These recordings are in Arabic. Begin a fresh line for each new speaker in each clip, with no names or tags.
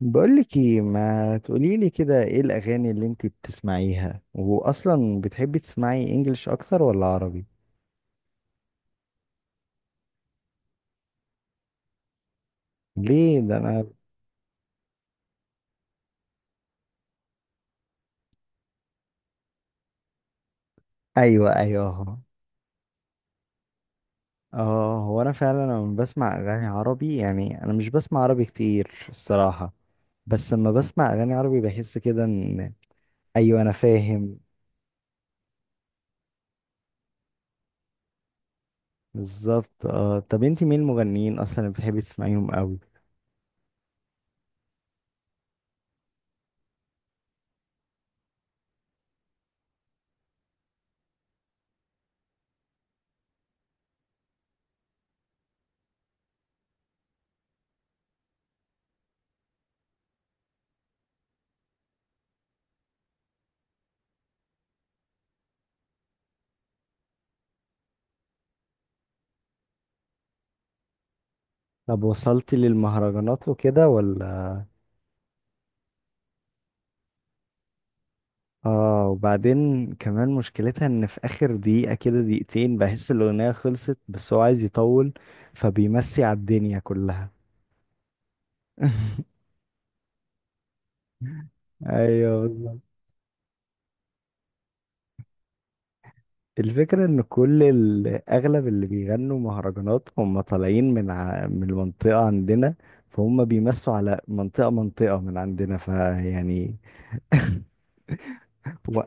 بقولك ايه، ما تقوليلي كده، ايه الاغاني اللي انتي بتسمعيها، واصلا بتحبي تسمعي انجلش اكتر ولا عربي؟ ليه؟ ده انا. ايوه، ايوه، اهو. اه، هو انا فعلا لما بسمع اغاني عربي، يعني انا مش بسمع عربي كتير الصراحه. بس لما بسمع اغاني عربي بحس كده ان... ايوه، انا فاهم. بالظبط. اه، طب انتي مين المغنيين اصلا اللي بتحبي تسمعيهم قوي؟ طب، وصلتي للمهرجانات وكده ولا؟ اه، وبعدين كمان مشكلتها ان في اخر دقيقة كده، دقيقتين، بحس الاغنية خلصت بس هو عايز يطول. فبيمسي على الدنيا كلها. ايوه، بالظبط. الفكرة ان اغلب اللي بيغنوا مهرجانات هم طالعين من المنطقة عندنا. فهم بيمسوا على منطقة منطقة من عندنا فيعني... و...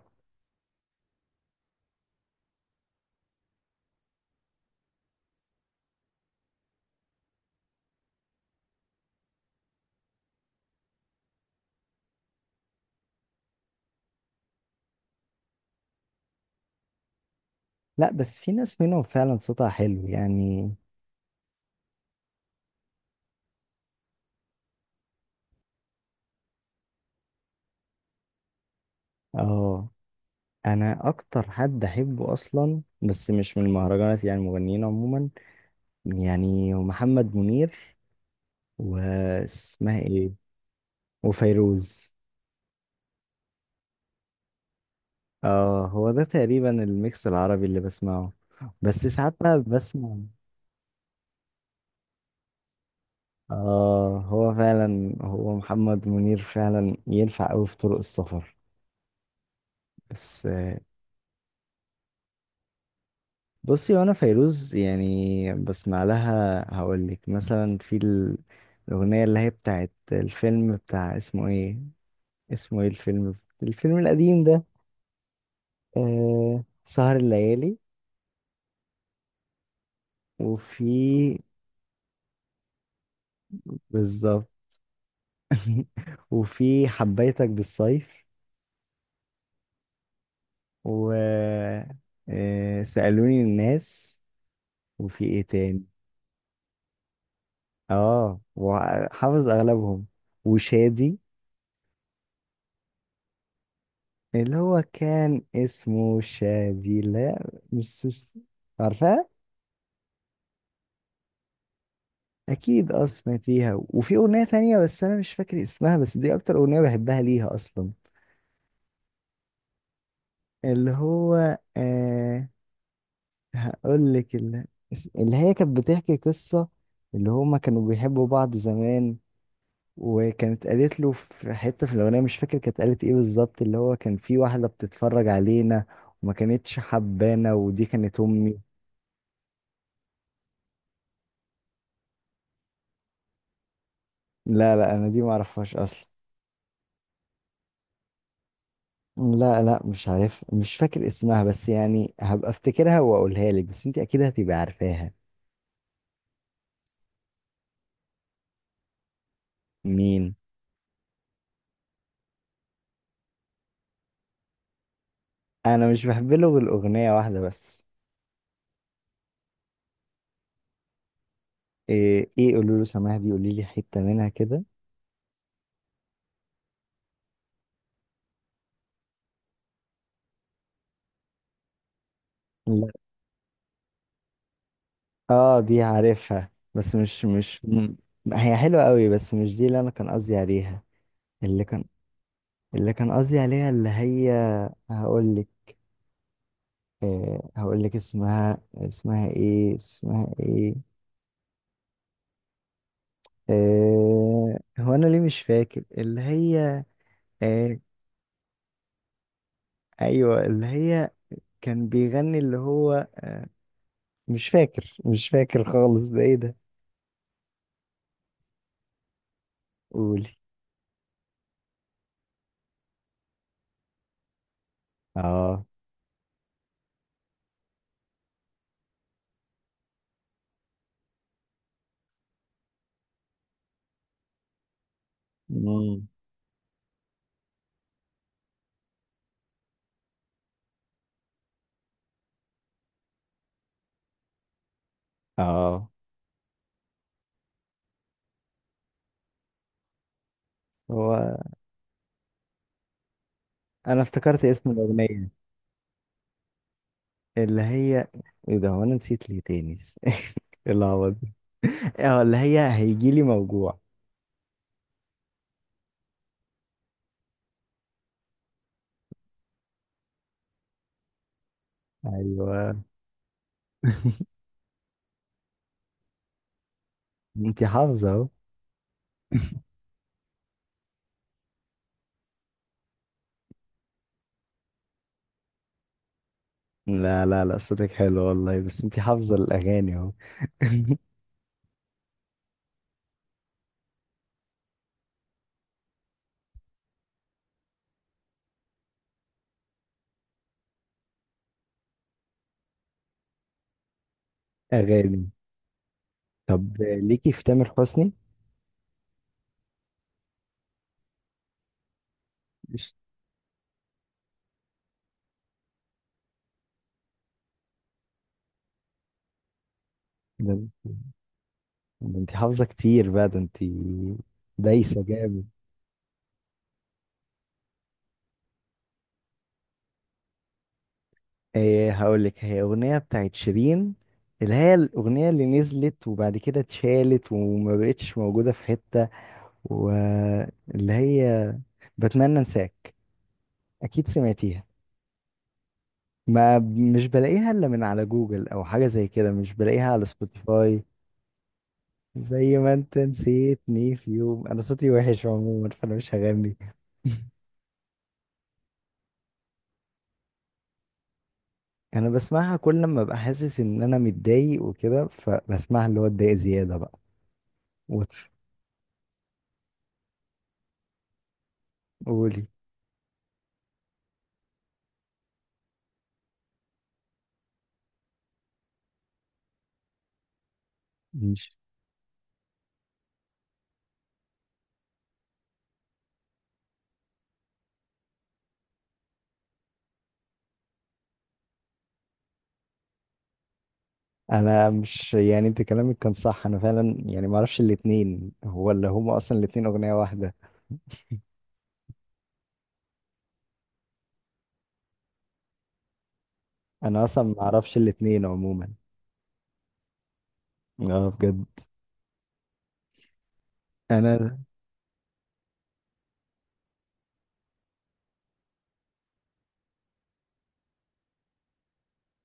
لا، بس في ناس منهم فعلا صوتها حلو يعني. اه، انا اكتر حد احبه اصلا، بس مش من المهرجانات، يعني المغنيين عموما. يعني محمد منير. واسمها ايه... وفيروز. اه، هو ده تقريبا الميكس العربي اللي بسمعه. بس ساعات بقى بسمع... اه، هو فعلا هو محمد منير فعلا ينفع قوي في طرق السفر. بس. بصي، وانا فيروز يعني بسمع لها. هقول لك مثلا الاغنيه اللي هي بتاعت الفيلم بتاع اسمه ايه. اسمه ايه الفيلم؟ الفيلم القديم ده. آه، سهر الليالي. وفي... بالظبط. وفي حبيتك بالصيف. و... آه، سألوني الناس. وفي ايه تاني؟ اه، وحافظ اغلبهم. وشادي. اللي هو كان اسمه شادي. لا، مش عارفها؟ اكيد، اه، سمعتيها. وفي اغنية تانية بس انا مش فاكر اسمها، بس دي اكتر اغنية بحبها ليها اصلا. اللي هو، هقول لك. اللي هي كانت بتحكي قصة. اللي هما كانوا بيحبوا بعض زمان. وكانت قالت له في حتة في الأغنية، مش فاكر كانت قالت ايه بالظبط. اللي هو كان في واحدة بتتفرج علينا، وما كانتش حبانا ودي كانت أمي. لا، لا، أنا دي معرفهاش أصلا. لا، لا، مش عارف، مش فاكر اسمها، بس يعني هبقى افتكرها واقولها لك، بس انت اكيد هتبقى عارفاها. مين؟ انا مش بحب له غير اغنيه واحده بس. ايه، ايه، قولوا له سماح دي، قولي لي حتة منها كده. لا. اه، دي عارفها بس مش. هي حلوة قوي، بس مش دي اللي انا كان قصدي عليها. اللي كان... اللي كان قصدي عليها، اللي هي... هقول لك. هقول لك اسمها. اسمها ايه؟ اسمها ايه؟ هو انا ليه مش فاكر؟ اللي هي... آه... ايوه، اللي هي... كان بيغني، اللي هو... مش فاكر خالص. ده ايه ده؟ قولي. اه، مم. اه، هو انا افتكرت اسم الاغنيه. اللي هي... ايه ده، هو انا نسيت ليه تاني؟ إيه العبط ده؟ اه، اللي هي هيجيلي موجوع. ايوه. انتي حافظه اهو. لا، لا، لا، صوتك حلو والله، بس انتي حافظه الاغاني اهو. اغاني. طب، ليكي في تامر حسني؟ مش- ده ده انتي حافظه كتير بقى، ده انتي... دايسه جامد. ايه، هقول لك هي اغنيه بتاعت شيرين. اللي هي الاغنيه اللي نزلت وبعد كده اتشالت وما بقتش موجوده في حته. واللي هي... بتمنى انساك. اكيد سمعتيها. ما مش بلاقيها الا من على جوجل او حاجه زي كده، مش بلاقيها على سبوتيفاي. زي ما انت نسيتني في يوم. انا صوتي وحش عموما فانا مش هغني. انا بسمعها كل لما ابقى حاسس ان انا متضايق وكده، فبسمعها اللي هو اتضايق زياده بقى. وتف- قولي انا مش، يعني انت كلامك كان صح، انا فعلا يعني ما اعرفش الاتنين. هو اللي هم اصلا الاتنين اغنية واحدة؟ انا اصلا ما اعرفش الاتنين عموما. اه، بجد. انا...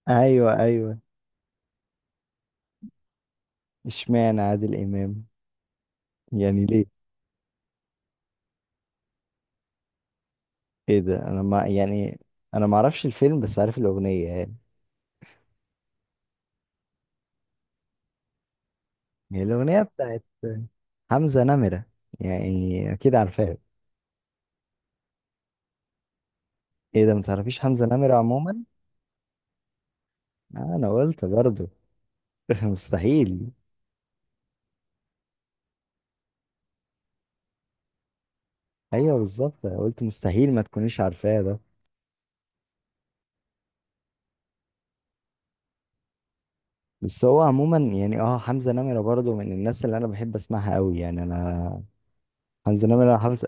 ايوه، ايوه. اشمعنى عادل امام؟ يعني ليه؟ ايه ده، انا ما، يعني... انا ما اعرفش الفيلم بس عارف الاغنية يعني. هي الاغنية بتاعت... حمزة نمرة. يعني اكيد عارفاها. ايه ده، ما تعرفيش حمزة نمرة عموما؟ آه، انا قلت برضو. مستحيل. ايوه، بالظبط، أنا قلت مستحيل ما تكونيش عارفاه ده. بس هو عموما يعني، حمزة نمرة برضه من الناس اللي انا بحب اسمعها قوي، يعني انا... حمزة نمرة حافظ.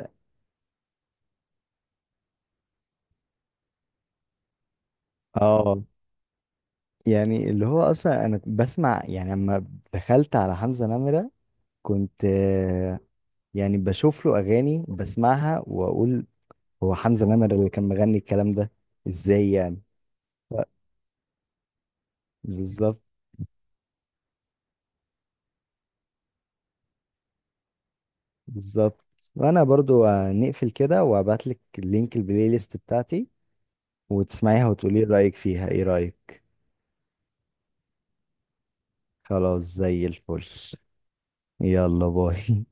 اه، يعني اللي هو اصلا انا بسمع، يعني اما دخلت على حمزة نمرة كنت، يعني بشوف له اغاني بسمعها واقول، هو حمزة نمرة اللي كان مغني الكلام ده؟ ازاي يعني. ف- بالظبط بالظبط. وانا برضو، نقفل كده وابعت لك لينك البلاي ليست بتاعتي، وتسمعيها وتقولي رأيك فيها. ايه رأيك؟ خلاص، زي الفل. يلا، باي.